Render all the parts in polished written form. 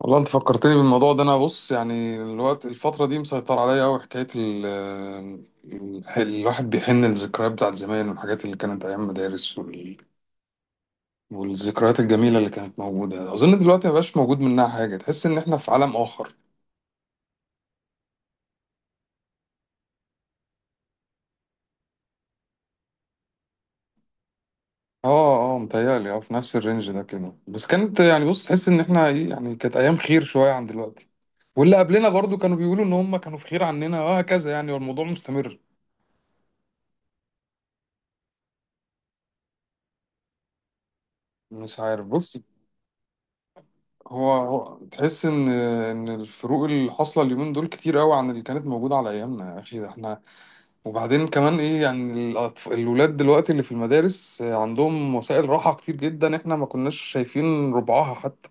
والله انت فكرتني بالموضوع ده. انا بص، يعني الوقت، الفترة دي مسيطر عليا قوي حكاية الواحد بيحن للذكريات بتاعت زمان والحاجات اللي كانت ايام مدارس والذكريات الجميلة اللي كانت موجودة. اظن دلوقتي مبقاش موجود منها حاجة، تحس ان احنا في عالم اخر. اه متهيألي اه في نفس الرينج ده كده، بس كانت، يعني بص، تحس ان احنا ايه، يعني كانت ايام خير شوية عن دلوقتي. واللي قبلنا برضو كانوا بيقولوا ان هم كانوا في خير عننا، وهكذا يعني، والموضوع مستمر. مش عارف، بص. هو تحس ان الفروق اللي حاصله اليومين دول كتير قوي عن اللي كانت موجوده على ايامنا، يا اخي ده احنا. وبعدين كمان ايه، يعني الولاد دلوقتي اللي في المدارس عندهم وسائل راحه كتير جدا، احنا ما كناش شايفين ربعها حتى.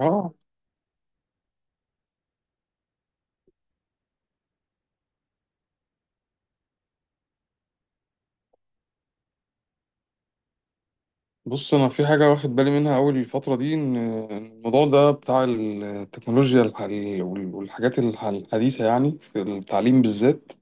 اه بص، انا في حاجه واخد بالي منها اول الفتره دي، ان إن الموضوع ده بتاع التكنولوجيا والحاجات الحديثه يعني في التعليم بالذات،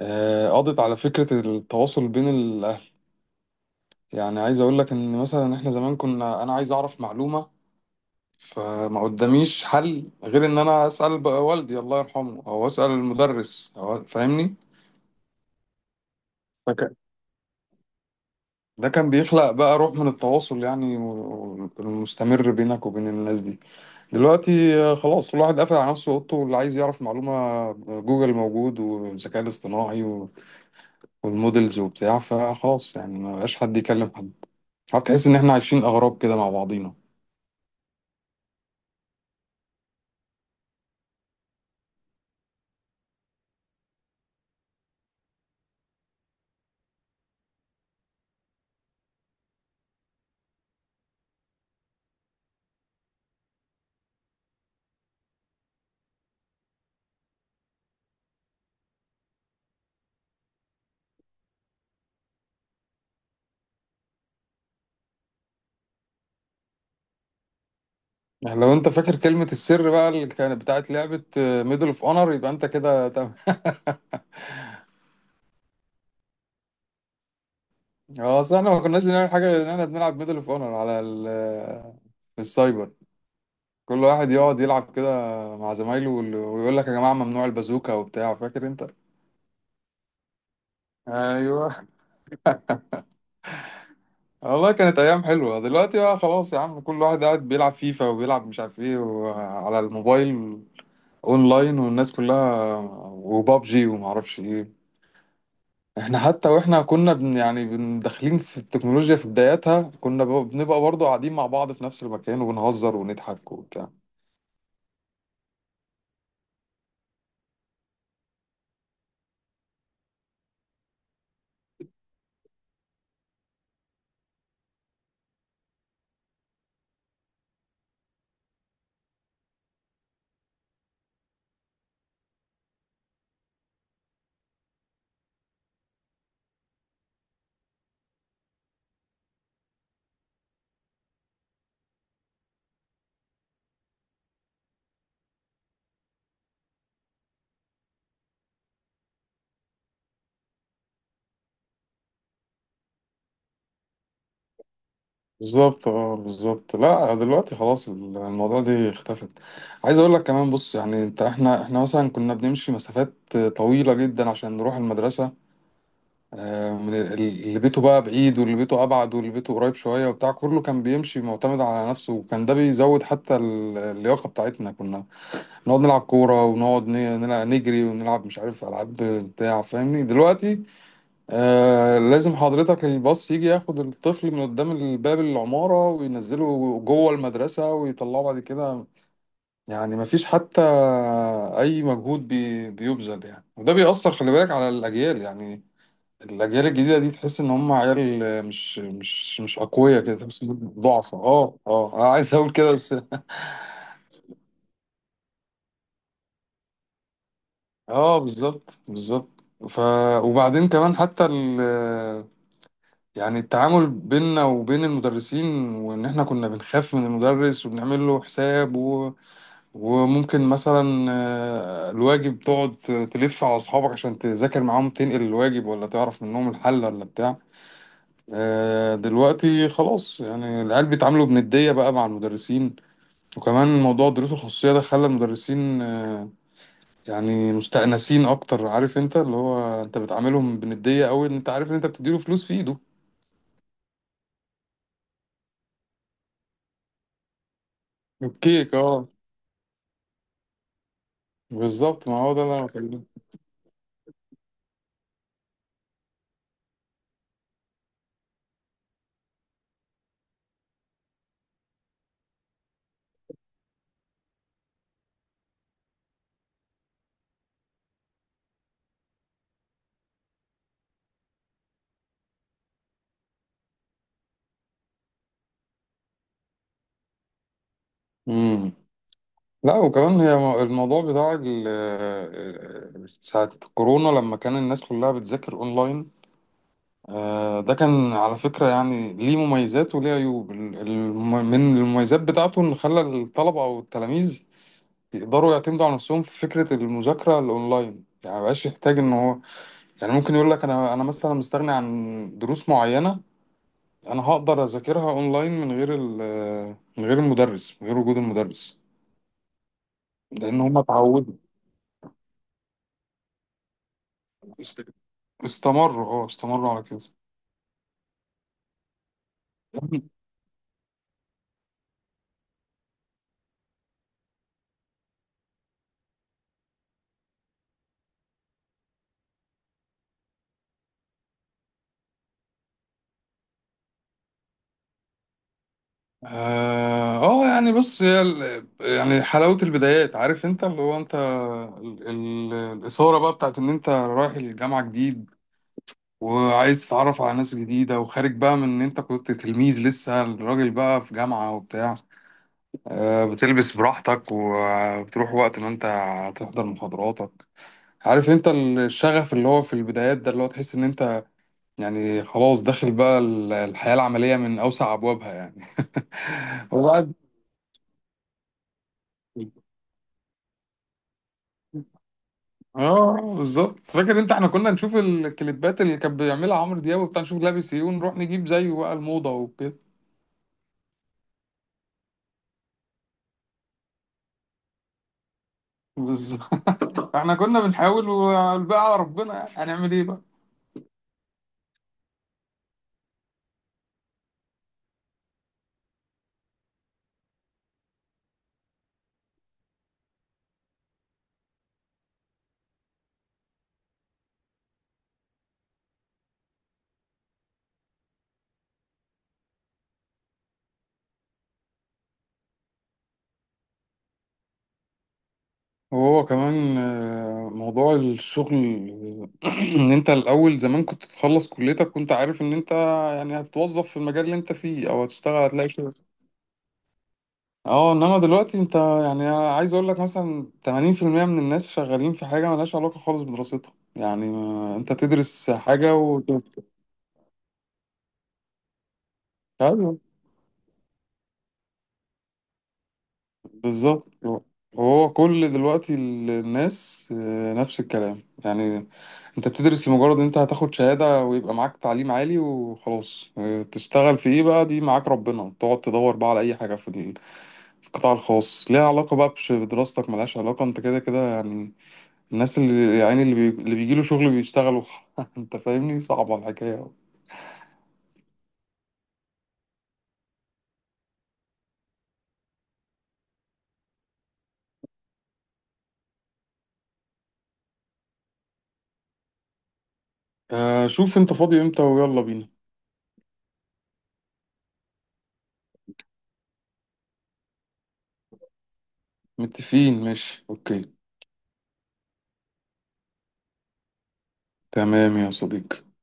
قضت على فكره التواصل بين. يعني عايز اقول لك ان مثلا احنا زمان كنا، انا عايز اعرف معلومة، فما قداميش حل غير ان انا اسال بقى والدي الله يرحمه، او اسال المدرس، أو فاهمني. فك- ده كان بيخلق بقى روح من التواصل، يعني المستمر بينك وبين الناس دي. دلوقتي خلاص كل واحد قافل على نفسه اوضته، واللي عايز يعرف معلومة، جوجل موجود والذكاء الاصطناعي والمودلز وبتاع، فخلاص يعني ما بقاش حد يكلم حد. هتحس ان احنا عايشين اغراب كده مع بعضينا. يعني لو انت فاكر كلمة السر بقى اللي كانت بتاعت لعبة ميدل اوف اونر، يبقى انت كده تمام. اه، اصل احنا ما كناش بنعمل حاجة غير ان احنا بنلعب ميدل اوف اونر على ال في السايبر. كل واحد يقعد يلعب كده مع زمايله ويقول لك يا جماعة ممنوع البازوكا وبتاع، فاكر انت؟ ايوه. والله كانت ايام حلوة. دلوقتي بقى خلاص يا عم كل واحد قاعد بيلعب فيفا وبيلعب مش عارف ايه على الموبايل، اونلاين، والناس كلها، وبابجي ومعرفش ايه. احنا حتى واحنا كنا بن يعني بن داخلين في التكنولوجيا في بداياتها كنا بنبقى برضه قاعدين مع بعض في نفس المكان وبنهزر ونضحك وبتاع. بالظبط اه بالظبط، لا دلوقتي خلاص الموضوع دي اختفت. عايز اقول لك كمان بص، يعني انت، احنا مثلا كنا بنمشي مسافات طويلة جدا عشان نروح المدرسة، من اللي بيته بقى بعيد، واللي بيته ابعد، واللي بيته قريب شوية وبتاع، كله كان بيمشي معتمد على نفسه، وكان ده بيزود حتى اللياقة بتاعتنا. كنا نقعد نلعب كورة، ونقعد نلعب نجري ونلعب مش عارف ألعاب بتاع فاهمني؟ دلوقتي آه لازم حضرتك الباص يجي ياخد الطفل من قدام الباب العمارة وينزله جوه المدرسة ويطلعه بعد كده. يعني مفيش حتى أي مجهود بيبذل يعني. وده بيأثر، خلي بالك، على الأجيال. يعني الأجيال الجديدة دي تحس إن هم عيال مش أقوياء كده، بس ضعفة. اه اه أنا عايز أقول كده بس. اه بالظبط بالظبط. ف وبعدين كمان حتى ال، يعني التعامل بيننا وبين المدرسين، وان احنا كنا بنخاف من المدرس وبنعمل له حساب و... وممكن مثلا الواجب تقعد تلف على اصحابك عشان تذاكر معاهم، تنقل الواجب، ولا تعرف منهم الحل ولا بتاع. دلوقتي خلاص يعني العيال بيتعاملوا بندية بقى مع المدرسين. وكمان موضوع الدروس الخصوصية ده خلى المدرسين يعني مستأنسين اكتر. عارف انت، اللي هو انت بتعاملهم بندية قوي، ان انت عارف ان انت بتديله فلوس في ايده. الكيك اه. بالظبط، ما هو ده اللي انا بكلمه. امم. لا وكمان هي الموضوع بتاع ساعة كورونا لما كان الناس كلها بتذاكر اونلاين، ده كان على فكرة يعني ليه مميزات وليه عيوب. من المميزات بتاعته ان خلى الطلبة او التلاميذ يقدروا يعتمدوا على نفسهم في فكرة المذاكرة الاونلاين، يعني مبقاش يحتاج ان هو، يعني ممكن يقول لك انا، مثلا مستغني عن دروس معينه، انا هقدر اذاكرها اونلاين من غير من غير المدرس، من غير وجود المدرس، لان هم اتعودوا. است- استمروا اه استمروا على كده. اه. يعني بص هي ال، يعني حلاوه البدايات. عارف انت اللي هو انت، الاثاره بقى بتاعت ان انت رايح الجامعه جديد، وعايز تتعرف على ناس جديده، وخارج بقى من ان انت كنت تلميذ لسه، الراجل بقى في جامعه وبتاع. بتلبس براحتك وبتروح وقت ما انت هتحضر محاضراتك. عارف انت الشغف اللي هو في البدايات ده، اللي هو تحس ان انت يعني خلاص داخل بقى الحياة العملية من اوسع ابوابها يعني. وبعد اه بالظبط. فاكر انت احنا كنا نشوف الكليبات اللي كان بيعملها عمرو دياب وبتاع، نشوف لابس ايه ونروح نجيب زيه بقى الموضة وكده. بالظبط احنا كنا بنحاول والباقي على ربنا، يعني هنعمل ايه بقى. وهو كمان موضوع الشغل ان انت الاول زمان كنت تخلص كليتك كنت عارف ان انت يعني هتتوظف في المجال اللي انت فيه، او هتشتغل هتلاقي شغل. اه انما دلوقتي انت، يعني عايز اقول لك مثلا 80% من الناس شغالين في حاجة ملهاش علاقة خالص بدراستها، يعني انت تدرس حاجة و. بالظبط. هو كل دلوقتي الناس نفس الكلام يعني. انت بتدرس لمجرد ان انت هتاخد شهادة ويبقى معاك تعليم عالي وخلاص. تشتغل في ايه بقى؟ دي معاك ربنا، تقعد تدور بقى على اي حاجة في في القطاع الخاص ليها علاقة بقى بدراستك ملهاش علاقة انت كده كده يعني. الناس اللي يعني اللي, بي... اللي بيجيله شغل بيشتغلوا. انت فاهمني، صعبة الحكاية. آه شوف انت فاضي امتى ويلا بينا. متفقين، ماشي، اوكي. تمام يا صديقي.